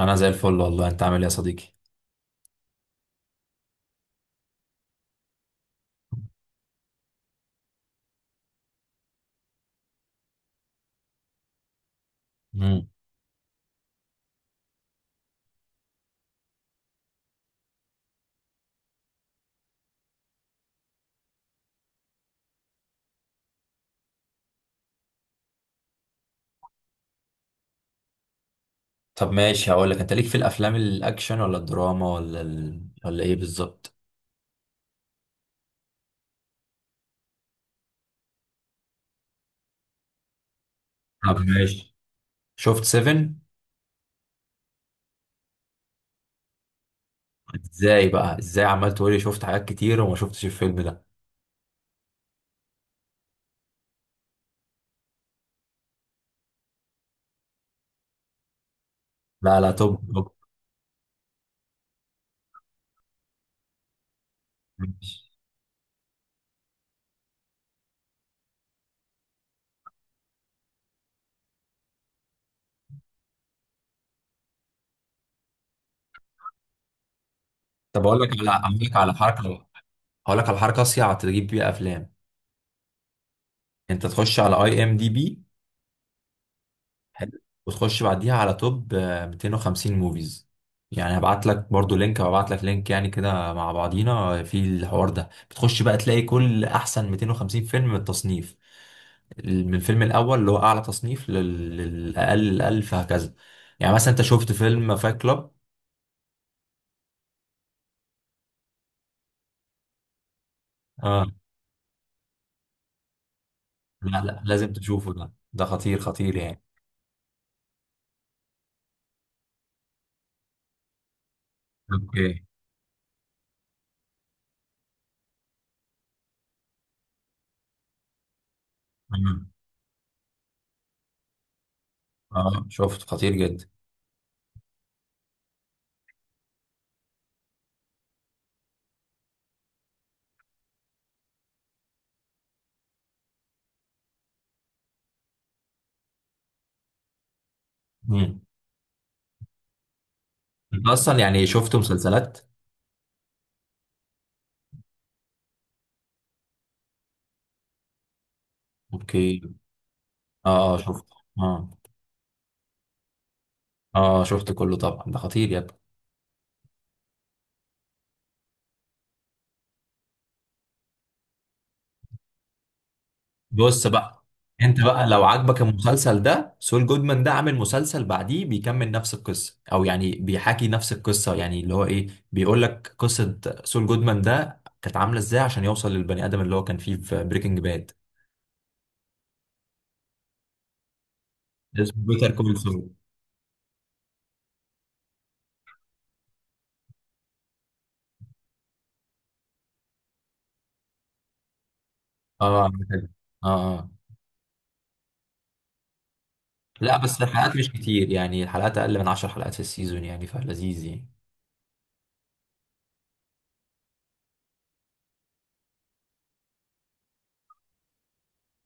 انا زي الفل والله. انت عامل ايه يا صديقي؟ مم. طب ماشي، هقول لك. انت ليك في الافلام الاكشن ولا الدراما ولا ايه بالظبط؟ طب ماشي. شفت سيفن؟ ازاي بقى عمال تقولي شفت حاجات كتير وما شفتش الفيلم ده؟ لا لا، توب توب. ماشي. طب اقول لك على حركه. هقول لك على حركه اصيع تجيب بيها افلام. انت تخش على اي ام دي بي. حلو. وتخش بعديها على توب 250 موفيز. يعني هبعت لك برضو لينك، هبعت لك لينك، يعني كده مع بعضينا في الحوار ده. بتخش بقى تلاقي كل احسن 250 فيلم من التصنيف، من الفيلم الاول اللي هو اعلى تصنيف للاقل فهكذا. يعني مثلا انت شفت فيلم فايت كلاب؟ اه. لا لا، لازم تشوفه. ده خطير خطير يعني. اوكي. مم. اه شفت، خطير جدا. مم. انت اصلا يعني شفت مسلسلات؟ اوكي. اه، شفت. اه. اه شفت كله طبعا، ده خطير يا ابني. بص بقى، انت بقى لو عاجبك المسلسل ده، سول جودمان ده عامل مسلسل بعديه بيكمل نفس القصه، او يعني بيحكي نفس القصه، يعني اللي هو ايه، بيقول لك قصه سول جودمان ده كانت عامله ازاي عشان يوصل للبني ادم اللي هو كان فيه في بريكنج باد. اسمه بيتر كول سول. اه، عامل كده. اه، آه. لا بس الحلقات مش كتير، يعني الحلقات اقل من 10 حلقات في السيزون، يعني فلذيذ يعني.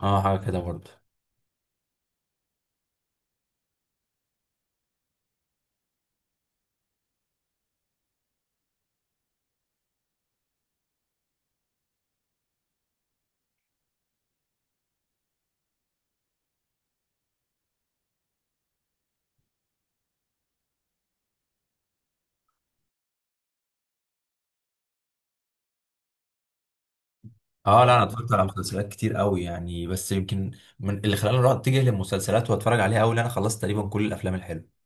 اه حاجه كده برضه. اه لا، انا اتفرجت على مسلسلات كتير قوي يعني، بس يمكن من اللي خلاني اروح اتجه للمسلسلات واتفرج عليها قوي، انا خلصت تقريبا كل الافلام الحلوه.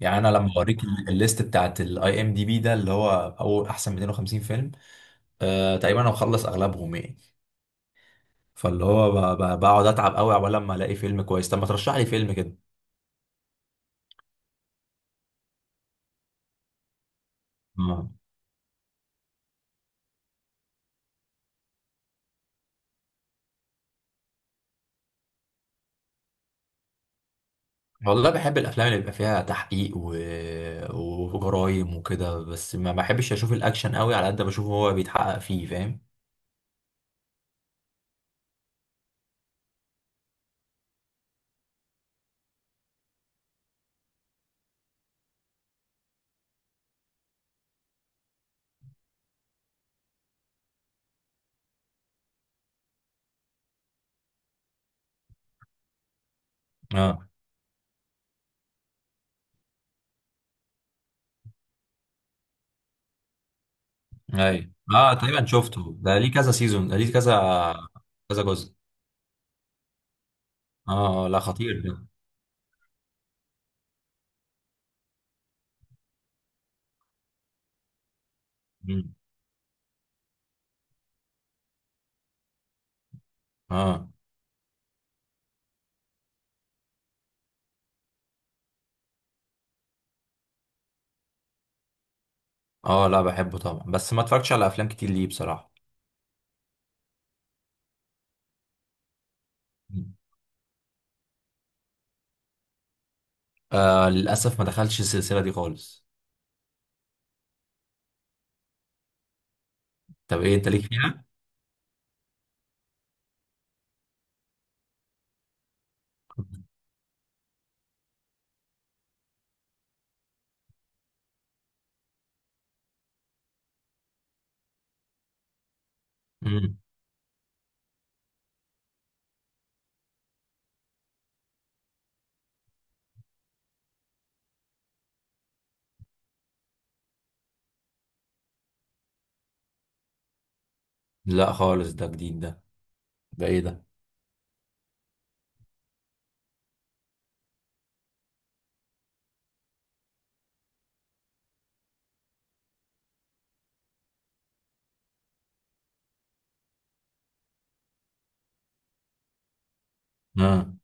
يعني انا لما اوريك الليست بتاعت الاي ام دي بي ده، اللي هو اول احسن 250 فيلم، تقريبا انا مخلص اغلبهم يعني. فاللي هو بقعد اتعب قوي عقبال لما الاقي فيلم كويس. طب ما ترشح لي فيلم كده. آه. والله بحب الافلام اللي بيبقى فيها تحقيق وجرايم وكده، بس ما بحبش اشوف الاكشن قوي على قد ما بشوف هو بيتحقق فيه، فاهم؟ ايوه اه، تقريبا شفته ده، ليه كذا سيزون، ده ليه كذا كذا جزء. اه، لا خطير ده. مم. اه اه، لا بحبه طبعا، بس ما اتفرجتش على افلام كتير ليه بصراحه. مم. للاسف ما دخلتش السلسله دي خالص. طب ايه انت ليك فيها؟ مم. لا خالص، ده جديد ده. ده ايه ده؟ اه.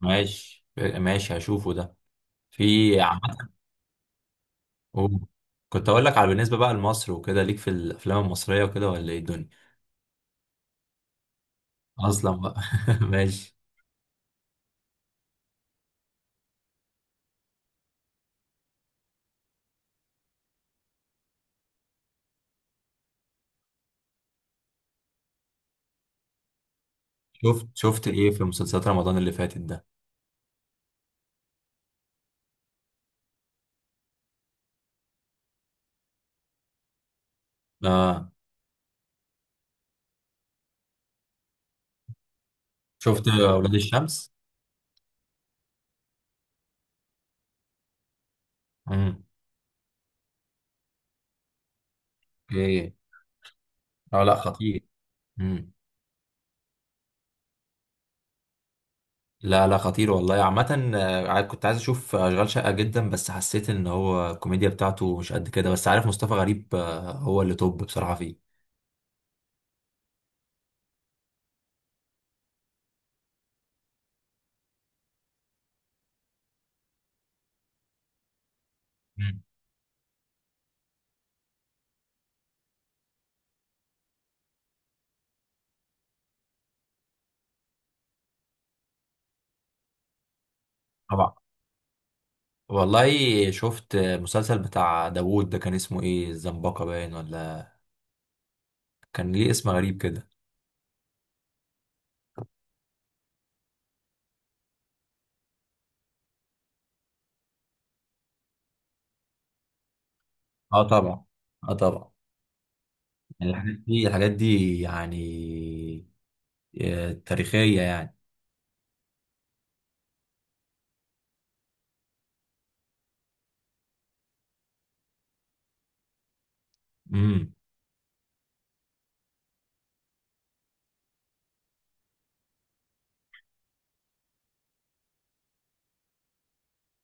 ماشي ماشي، هشوفه ده. في عم- أوه. كنت اقول لك على، بالنسبه بقى لمصر وكده، ليك في الافلام المصريه وكده ولا ايه الدنيا؟ اصلا بقى. ماشي. شفت ايه في مسلسلات رمضان اللي فاتت ده؟ اه. شفت اولاد الشمس. امم. ايه؟ اه لا خطير. امم. لا لا خطير والله. عامة كنت عايز اشوف اشغال شقة جدا، بس حسيت ان هو الكوميديا بتاعته مش قد كده. بس عارف مصطفى غريب، هو اللي توب بصراحة فيه. مم. طبعا. والله شفت مسلسل بتاع داوود ده، كان اسمه ايه؟ الزنبقة باين، ولا كان ليه اسم غريب كده. اه طبعا. اه طبعا. يعني الحاجات دي الحاجات دي يعني تاريخية يعني. امم.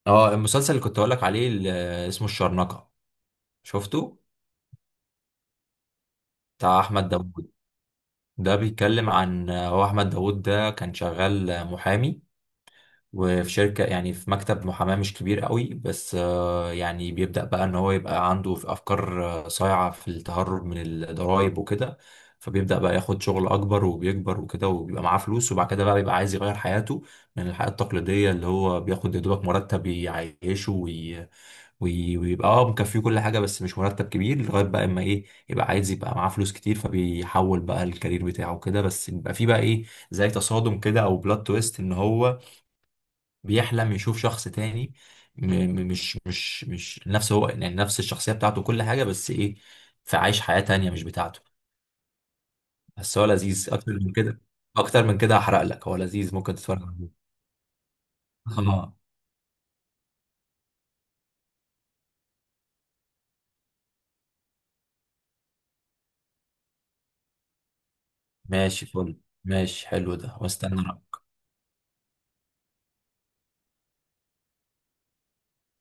اه، المسلسل اللي كنت اقول لك عليه، اللي اسمه الشرنقة، شفته؟ بتاع احمد داوود. ده بيتكلم عن، هو احمد داوود ده كان شغال محامي وفي شركة، يعني في مكتب محاماة مش كبير قوي، بس يعني بيبدأ بقى ان هو يبقى عنده في افكار صايعة في التهرب من الضرائب وكده. فبيبدأ بقى ياخد شغل اكبر وبيكبر وكده، وبيبقى معاه فلوس، وبعد كده بقى بيبقى عايز يغير حياته، من الحياة التقليدية اللي هو بياخد يا دوبك مرتب يعيشه، ويبقى مكفيه كل حاجه، بس مش مرتب كبير، لغايه بقى اما ايه، يبقى عايز يبقى معاه فلوس كتير. فبيحول بقى الكارير بتاعه كده، بس بيبقى فيه بقى ايه، زي تصادم كده او بلوت تويست، ان هو بيحلم يشوف شخص تاني، مش نفس، هو يعني نفس الشخصيه بتاعته كل حاجه، بس ايه، فعايش حياه تانيه مش بتاعته. بس هو لذيذ اكتر من كده. اكتر من كده هحرق لك. هو لذيذ، ممكن تتفرج عليه. اه ماشي فل. ماشي حلو ده، واستنى